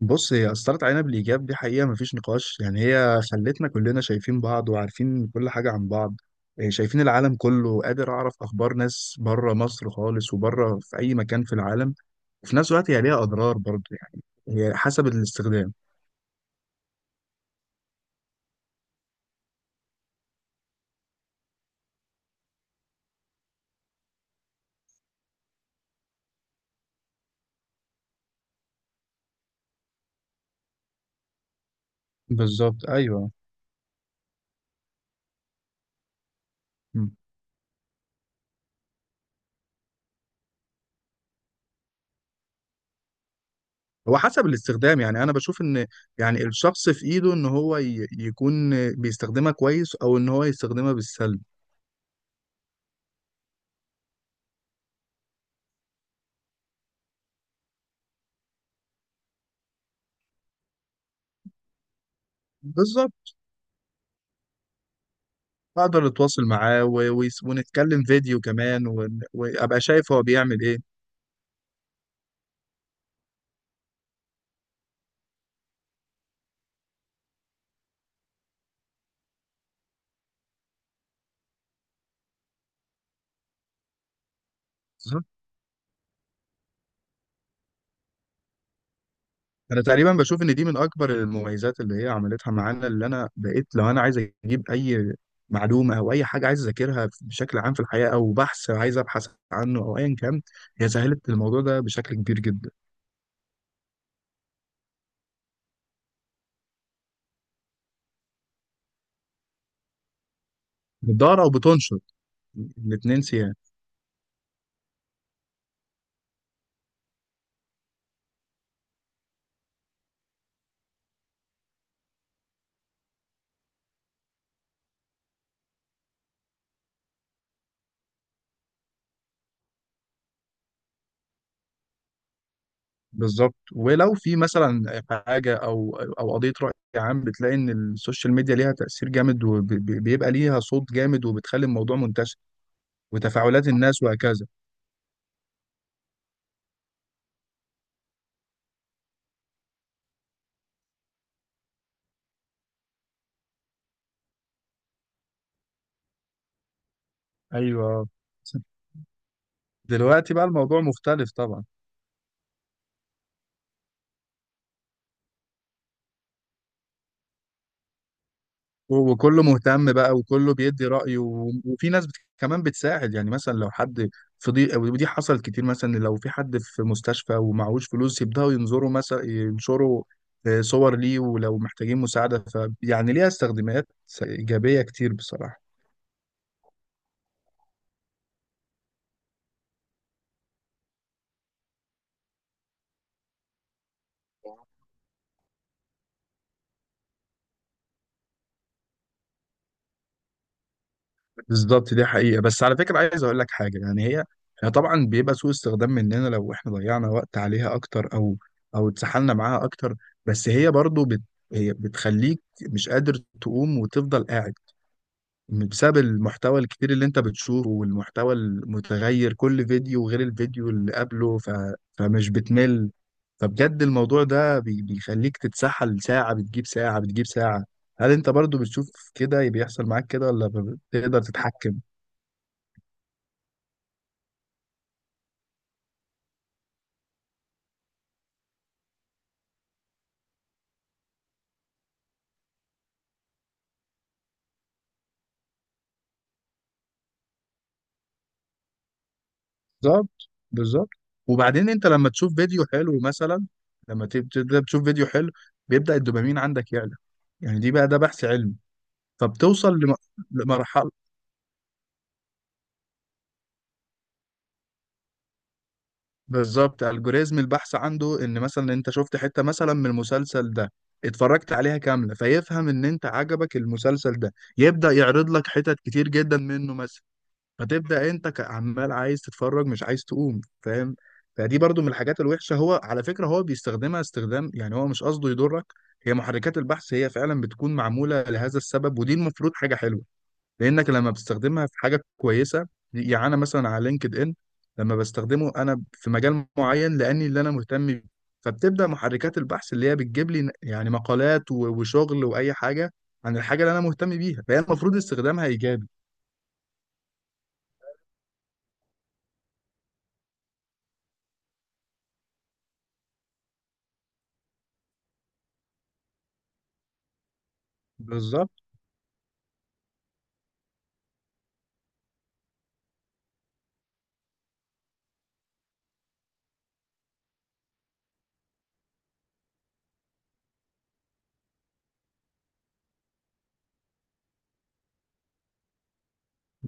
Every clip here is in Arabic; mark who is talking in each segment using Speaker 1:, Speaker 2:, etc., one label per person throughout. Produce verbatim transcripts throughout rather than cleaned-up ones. Speaker 1: بص، هي أثرت علينا بالإيجاب، دي حقيقة مفيش نقاش. يعني هي خلتنا كلنا شايفين بعض وعارفين كل حاجة عن بعض. إيه، شايفين العالم كله، قادر أعرف أخبار ناس بره مصر خالص وبره في أي مكان في العالم. وفي نفس الوقت هي ليها أضرار برضه، يعني هي حسب الاستخدام. بالظبط، أيوه. مم. هو حسب الاستخدام. يعني أنا بشوف إن يعني الشخص في إيده إن هو ي- يكون بيستخدمها كويس، أو إن هو يستخدمها بالسلب. بالظبط. اقدر اتواصل معاه و... و... ونتكلم فيديو كمان و... وابقى شايف هو بيعمل ايه. بالظبط. انا تقريبا بشوف ان دي من اكبر المميزات اللي هي عملتها معانا، اللي انا بقيت لو انا عايز اجيب اي معلومه او اي حاجه عايز اذاكرها بشكل عام في الحياه، او بحث عايز ابحث عنه او ايا كان، هي سهلت الموضوع ده بشكل كبير جدا. بتدور او بتنشر الاثنين. بالظبط. ولو في مثلا حاجه او او قضيه راي عام، بتلاقي ان السوشيال ميديا ليها تاثير جامد وبيبقى ليها صوت جامد وبتخلي الموضوع منتشر. وتفاعلات الناس وهكذا. ايوه. دلوقتي بقى الموضوع مختلف طبعا. وكله مهتم بقى، وكله بيدي رأيه، و- وفي ناس بت- كمان بتساعد. يعني مثلا لو حد في ضيق، ودي حصلت كتير، مثلا لو في حد في مستشفى ومعهوش فلوس، يبدأوا ينظروا مثلا ينشروا آه، صور ليه ولو محتاجين مساعدة. ف يعني ليها استخدامات إيجابية كتير بصراحة. بالظبط دي حقيقة. بس على فكرة عايز أقول لك حاجة، يعني هي هي طبعا بيبقى سوء استخدام مننا لو إحنا ضيعنا وقت عليها أكتر، أو أو اتسحلنا معاها أكتر. بس هي برضو بت هي بتخليك مش قادر تقوم وتفضل قاعد، بسبب المحتوى الكتير اللي أنت بتشوفه والمحتوى المتغير كل فيديو غير الفيديو اللي قبله. ف... فمش بتمل. فبجد الموضوع ده بي... بيخليك تتسحل ساعة بتجيب ساعة بتجيب ساعة. هل أنت برضو بتشوف كده بيحصل معاك كده ولا بتقدر تتحكم؟ بالظبط بالظبط. وبعدين انت لما تشوف فيديو حلو مثلا، لما تب- تبدا تشوف فيديو حلو، بيبدا الدوبامين عندك يعلى. يعني دي بقى ده بحث علمي. فبتوصل لم- لمرحله. بالظبط. الجوريزم البحث عنده ان مثلا انت شفت حته مثلا من المسلسل ده، اتفرجت عليها كامله فيفهم ان انت عجبك المسلسل ده، يبدا يعرض لك حتت كتير جدا منه مثلا. فتبدا انت كعمال عايز تتفرج، مش عايز تقوم، فاهم؟ فدي برضو من الحاجات الوحشه. هو على فكره هو بيستخدمها استخدام، يعني هو مش قصده يضرك. هي محركات البحث هي فعلا بتكون معموله لهذا السبب، ودي المفروض حاجه حلوه، لانك لما بتستخدمها في حاجه كويسه. يعني انا مثلا على لينكد ان، لما بستخدمه انا في مجال معين، لاني اللي انا مهتم بيه، فبتبدا محركات البحث اللي هي بتجيب لي يعني مقالات و- وشغل واي حاجه عن الحاجه اللي انا مهتم بيها، فهي المفروض استخدامها ايجابي. بالظبط.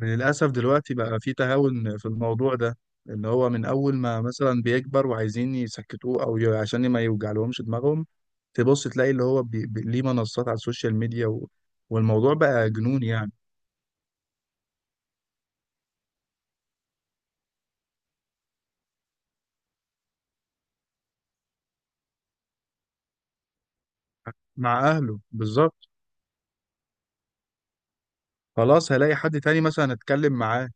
Speaker 1: للأسف دلوقتي بقى في تهاون في الموضوع ده، إن هو من أول ما مثلا بيكبر وعايزين يسكتوه أو ي- عشان ما يوجعلهمش دماغهم، تبص تلاقي اللي هو بي... بي... ليه منصات على السوشيال ميديا و... والموضوع بقى جنون يعني. مع أهله بالظبط. خلاص هلاقي حد تاني مثلا أتكلم معاه.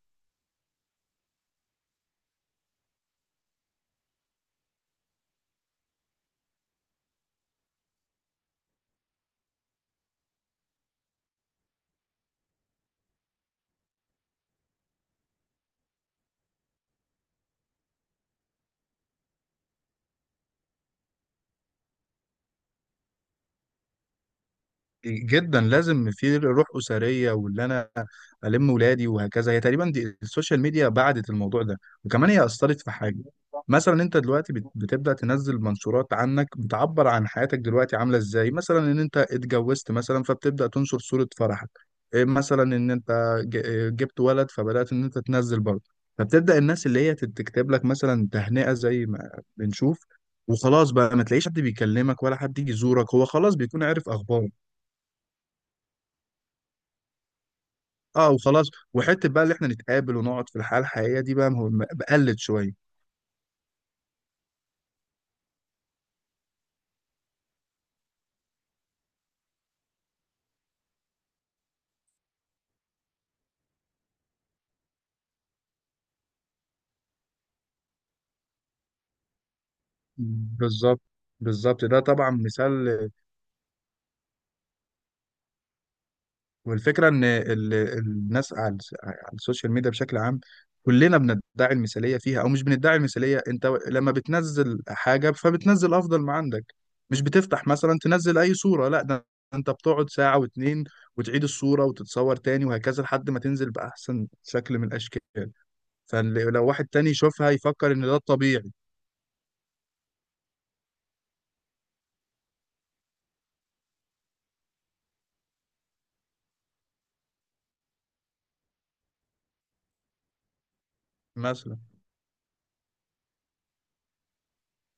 Speaker 1: جدا لازم في روح اسريه. واللي انا الم ولادي وهكذا، هي تقريبا دي السوشيال ميديا بعدت الموضوع ده. وكمان هي اثرت في حاجه، مثلا انت دلوقتي بت- بتبدا تنزل منشورات عنك بتعبر عن حياتك دلوقتي عامله ازاي. مثلا ان انت اتجوزت مثلا، فبتبدا تنشر صوره فرحك. إيه مثلا ان انت ج- إيه جبت ولد، فبدات ان انت تنزل برضه. فبتبدا الناس اللي هي تت- تكتب لك مثلا تهنئه زي ما بنشوف. وخلاص بقى ما تلاقيش حد بيكلمك ولا حد يجي يزورك، هو خلاص بيكون عارف اخبارك. اه وخلاص. وحته بقى اللي احنا نتقابل ونقعد في الحياه الحقيقيه دي، بقى مهم- بقلت شويه. بالظبط بالظبط، ده طبعا مثال. والفكره ان ال- الناس على الس- على السوشيال ميديا بشكل عام، كلنا بندعي المثاليه فيها، او مش بندعي المثاليه، انت و- لما بتنزل حاجه فبتنزل افضل ما عندك. مش بتفتح مثلا تنزل اي صوره، لا ده انت بتقعد ساعه واتنين وتعيد الصوره وتتصور تاني وهكذا لحد ما تنزل باحسن شكل من الاشكال. فلو واحد تاني يشوفها يفكر ان ده الطبيعي. مثلا.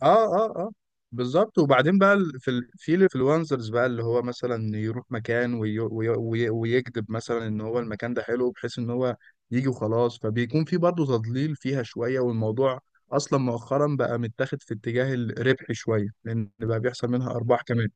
Speaker 1: اه اه اه بالظبط. وبعدين بقى ال- في ال... في الانفلونسرز بقى، اللي هو مثلا يروح مكان وي... وي... وي... ويكذب مثلا ان هو المكان ده حلو، بحيث ان هو يجي وخلاص. فبيكون في برضه تضليل فيها شويه. والموضوع اصلا مؤخرا بقى متاخد في اتجاه الربح شويه، لان بقى بيحصل منها ارباح كمان.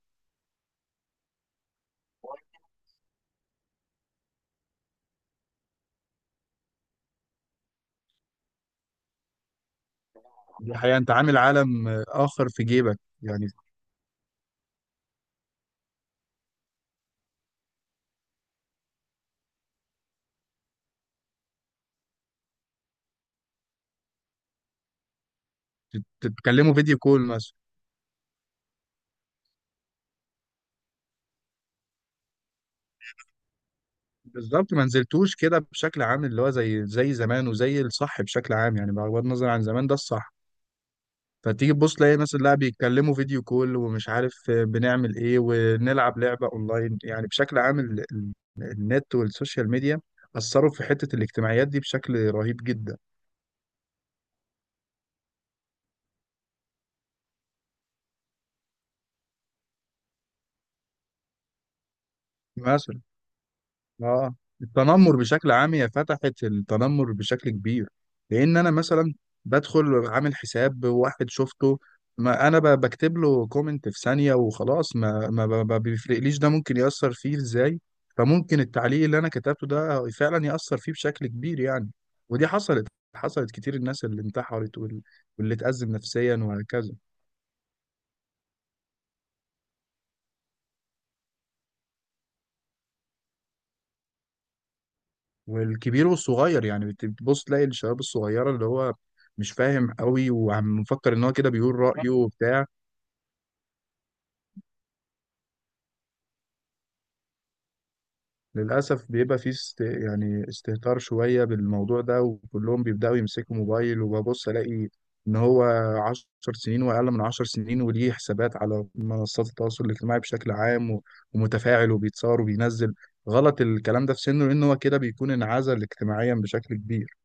Speaker 1: دي حقيقه. انت عامل عالم آه، اخر في جيبك يعني. تت- تتكلموا فيديو كول مثلا. بالظبط ما نزلتوش كده بشكل عام اللي هو زي زي زمان وزي الصح بشكل عام، يعني بغض النظر عن زمان ده الصح. فتيجي تبص تلاقي ناس اللاعب بيتكلموا فيديو كول ومش عارف آه، بنعمل ايه ونلعب لعبة اونلاين. يعني بشكل عام ال- ال- النت والسوشيال ميديا أثروا في حتة الاجتماعيات دي بشكل رهيب جدا. مثلا. اه. التنمر بشكل عام هي فتحت التنمر بشكل كبير. لان انا مثلا بدخل عامل حساب، واحد شفته، ما انا ب- بكتب له كومنت في ثانيه وخلاص. ما ما ب- ما بيفرقليش ده ممكن ياثر فيه ازاي. فممكن التعليق اللي انا كتبته ده فعلا ياثر فيه بشكل كبير يعني. ودي حصلت حصلت كتير. الناس اللي انتحرت وال- واللي اتأزم نفسيا وهكذا. والكبير والصغير يعني بت- بتبص تلاقي الشباب الصغيرة، اللي هو مش فاهم قوي ومفكر ان هو كده بيقول رأيه وبتاع. للأسف بيبقى فيه است... يعني استهتار شوية بالموضوع ده، وكلهم بيبدأوا يمسكوا موبايل وببص ألاقي إن هو عشر سنين وأقل من عشر سنين وليه حسابات على منصات التواصل الاجتماعي بشكل عام و... ومتفاعل وبيتصور وبينزل. غلط الكلام ده في سنه لأن هو كده بيكون انعزل اجتماعيا بشكل كبير.